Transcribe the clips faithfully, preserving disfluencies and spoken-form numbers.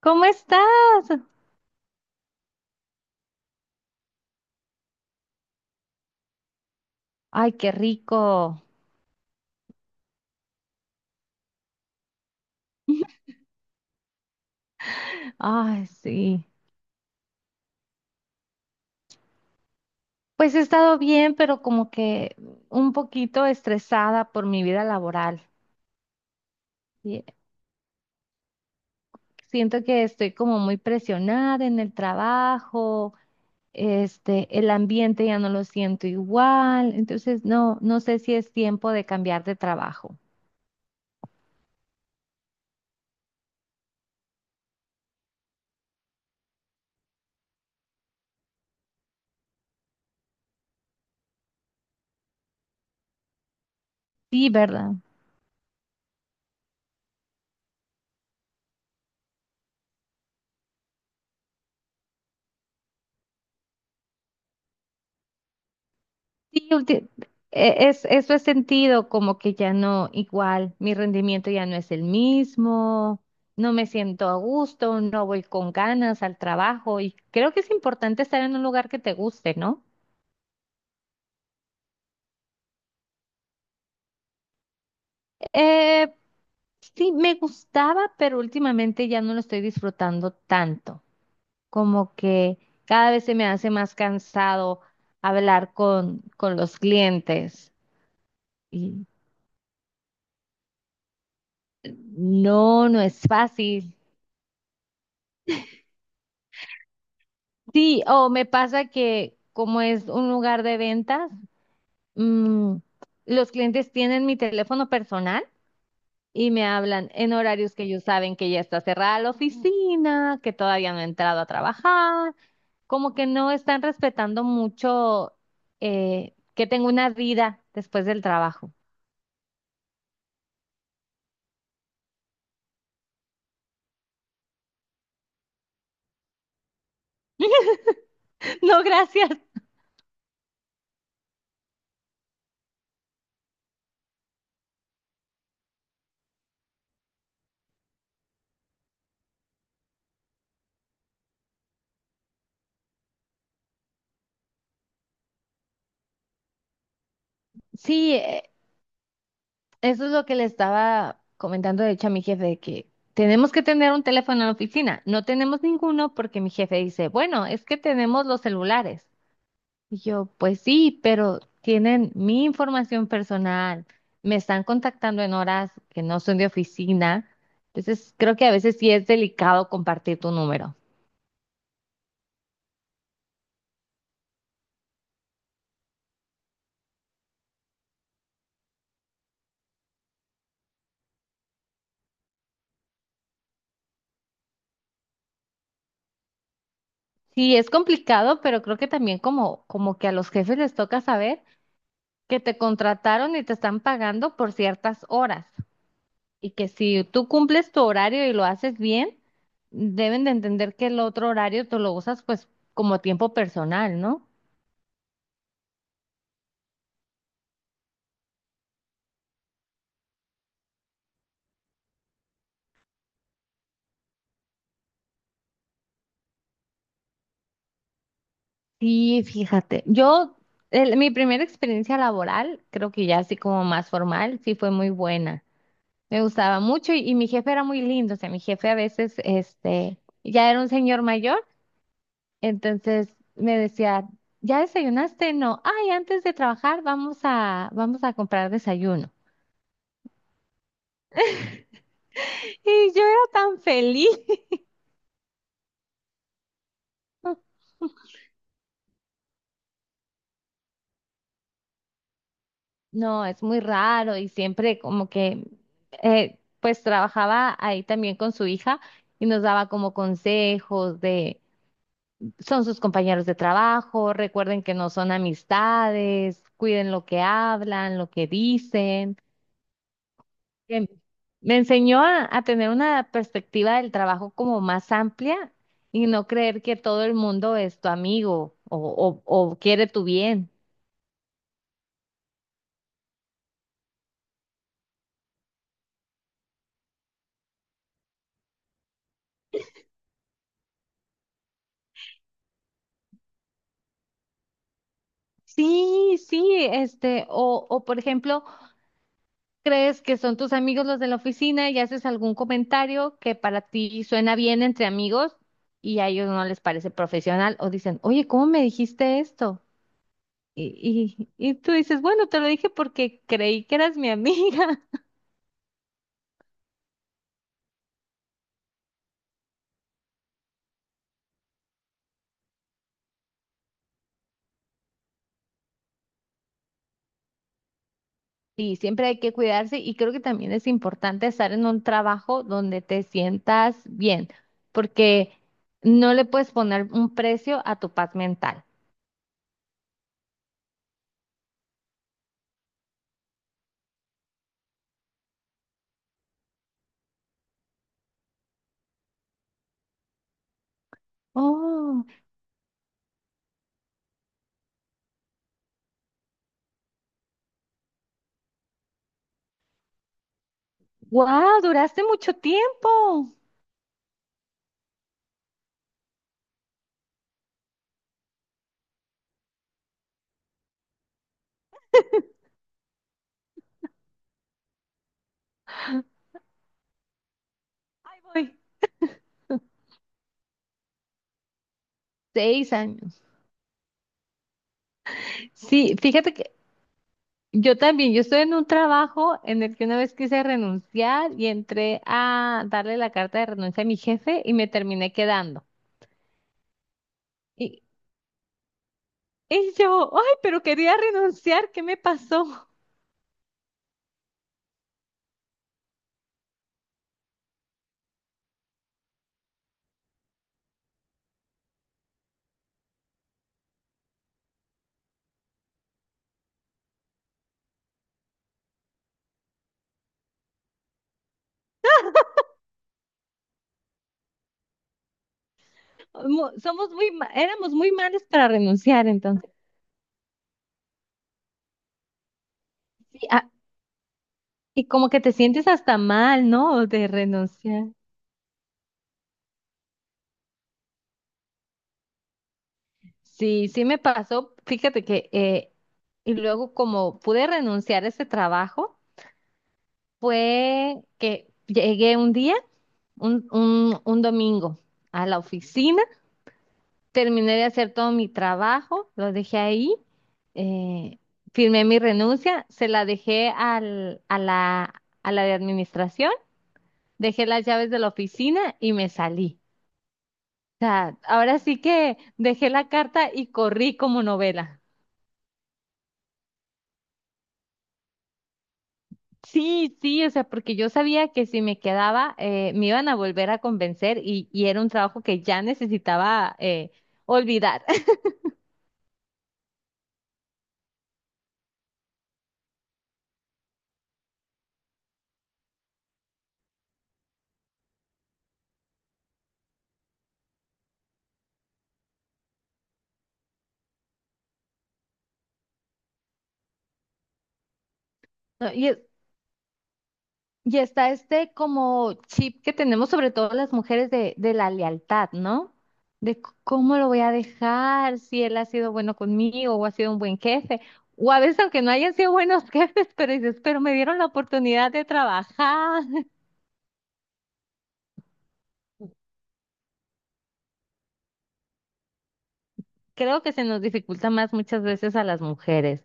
¿Cómo estás? Ay, qué rico. Ay, sí. Pues he estado bien, pero como que un poquito estresada por mi vida laboral. Y Siento que estoy como muy presionada en el trabajo, este, el ambiente ya no lo siento igual, entonces no, no sé si es tiempo de cambiar de trabajo. Sí, ¿verdad? Sí, ulti- e- es, eso he sentido como que ya no, igual, mi rendimiento ya no es el mismo, no me siento a gusto, no voy con ganas al trabajo y creo que es importante estar en un lugar que te guste, ¿no? Eh, sí, me gustaba, pero últimamente ya no lo estoy disfrutando tanto, como que cada vez se me hace más cansado hablar con, con los clientes y no, no es fácil. Sí, o me pasa que como es un lugar de ventas, mm, los clientes tienen mi teléfono personal y me hablan en horarios que ellos saben que ya está cerrada la oficina, que todavía no he entrado a trabajar, como que no están respetando mucho eh, que tengo una vida después del trabajo. No, gracias. Sí, eh, Eso es lo que le estaba comentando, de hecho, a mi jefe, de que tenemos que tener un teléfono en la oficina. No tenemos ninguno porque mi jefe dice, bueno, es que tenemos los celulares. Y yo, pues sí, pero tienen mi información personal, me están contactando en horas que no son de oficina. Entonces, creo que a veces sí es delicado compartir tu número. Sí, es complicado, pero creo que también como, como, que a los jefes les toca saber que te contrataron y te están pagando por ciertas horas. Y que si tú cumples tu horario y lo haces bien, deben de entender que el otro horario tú lo usas pues como tiempo personal, ¿no? Sí, fíjate, yo, el- mi primera experiencia laboral, creo que ya así como más formal, sí fue muy buena. Me gustaba mucho y, y mi jefe era muy lindo, o sea, mi jefe a veces, este, ya era un señor mayor, entonces me decía, ¿ya desayunaste? No, ay, antes de trabajar vamos a, vamos a comprar desayuno. Y yo era tan feliz. No, es muy raro y siempre como que, eh, pues trabajaba ahí también con su hija y nos daba como consejos de, son sus compañeros de trabajo, recuerden que no son amistades, cuiden lo que hablan, lo que dicen. Em, Me enseñó a, a tener una perspectiva del trabajo como más amplia y no creer que todo el mundo es tu amigo o, o o quiere tu bien. Sí, sí, este, o, o por ejemplo. Crees que son tus amigos los de la oficina y haces algún comentario que para ti suena bien entre amigos y a ellos no les parece profesional o dicen, oye, ¿cómo me dijiste esto? Y, y, y tú dices, bueno, te lo dije porque creí que eras mi amiga. Y siempre hay que cuidarse y creo que también es importante estar en un trabajo donde te sientas bien, porque no le puedes poner un precio a tu paz mental. Oh, wow, duraste mucho tiempo. Ay, voy. Seis años. Sí, fíjate que yo también, yo estoy en un trabajo en el que una vez quise renunciar y entré a darle la carta de renuncia a mi jefe y me terminé quedando. Y, y yo, ay, pero quería renunciar, ¿qué me pasó? Mu- Somos muy, ma- éramos muy malos para renunciar, entonces. Sí, ah, y como que te sientes hasta mal, ¿no? De renunciar. Sí, sí me pasó. Fíjate que, eh, y luego como pude renunciar a ese trabajo. Fue que llegué un día, un, un, un domingo, a la oficina, terminé de hacer todo mi trabajo, lo dejé ahí, eh, firmé mi renuncia, se la dejé al, a la, a la de administración, dejé las llaves de la oficina y me salí. O sea, ahora sí que dejé la carta y corrí como novela. Sí, sí, o sea, porque yo sabía que si me quedaba eh, me iban a volver a convencer y, y era un trabajo que ya necesitaba eh, olvidar. No, Y, es- y está este como chip que tenemos sobre todo las mujeres de, de la lealtad, ¿no? De c- cómo lo voy a dejar, si él ha sido bueno conmigo o ha sido un buen jefe, o a veces aunque no hayan sido buenos jefes, pero dices, pero me dieron la oportunidad de trabajar. Creo que se nos dificulta más muchas veces a las mujeres.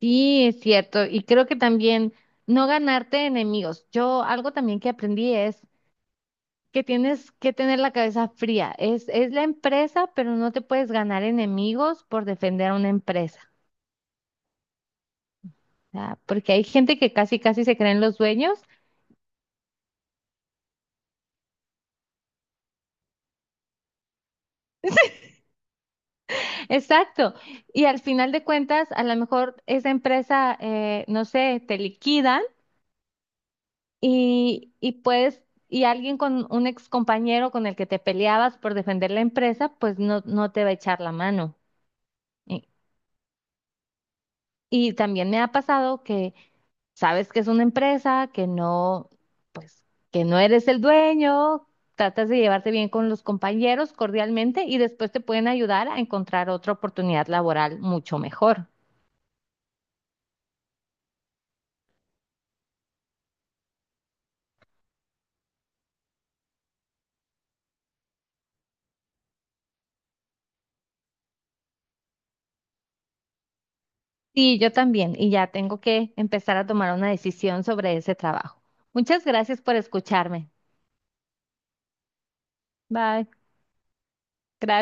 Sí, es cierto. Y creo que también no ganarte enemigos. Yo algo también que aprendí es que tienes que tener la cabeza fría. Es, es la empresa, pero no te puedes ganar enemigos por defender a una empresa. O sea, porque hay gente que casi, casi se creen los dueños. Exacto. Y al final de cuentas, a lo mejor esa empresa, eh, no sé, te liquidan y, y puedes. Y alguien con un ex compañero con el que te peleabas por defender la empresa, pues no, no te va a echar la mano. Y, y también me ha pasado que sabes que es una empresa, que no, pues, que no eres el dueño, tratas de llevarte bien con los compañeros cordialmente y después te pueden ayudar a encontrar otra oportunidad laboral mucho mejor. Sí, yo también, y ya tengo que empezar a tomar una decisión sobre ese trabajo. Muchas gracias por escucharme. Bye. Gracias.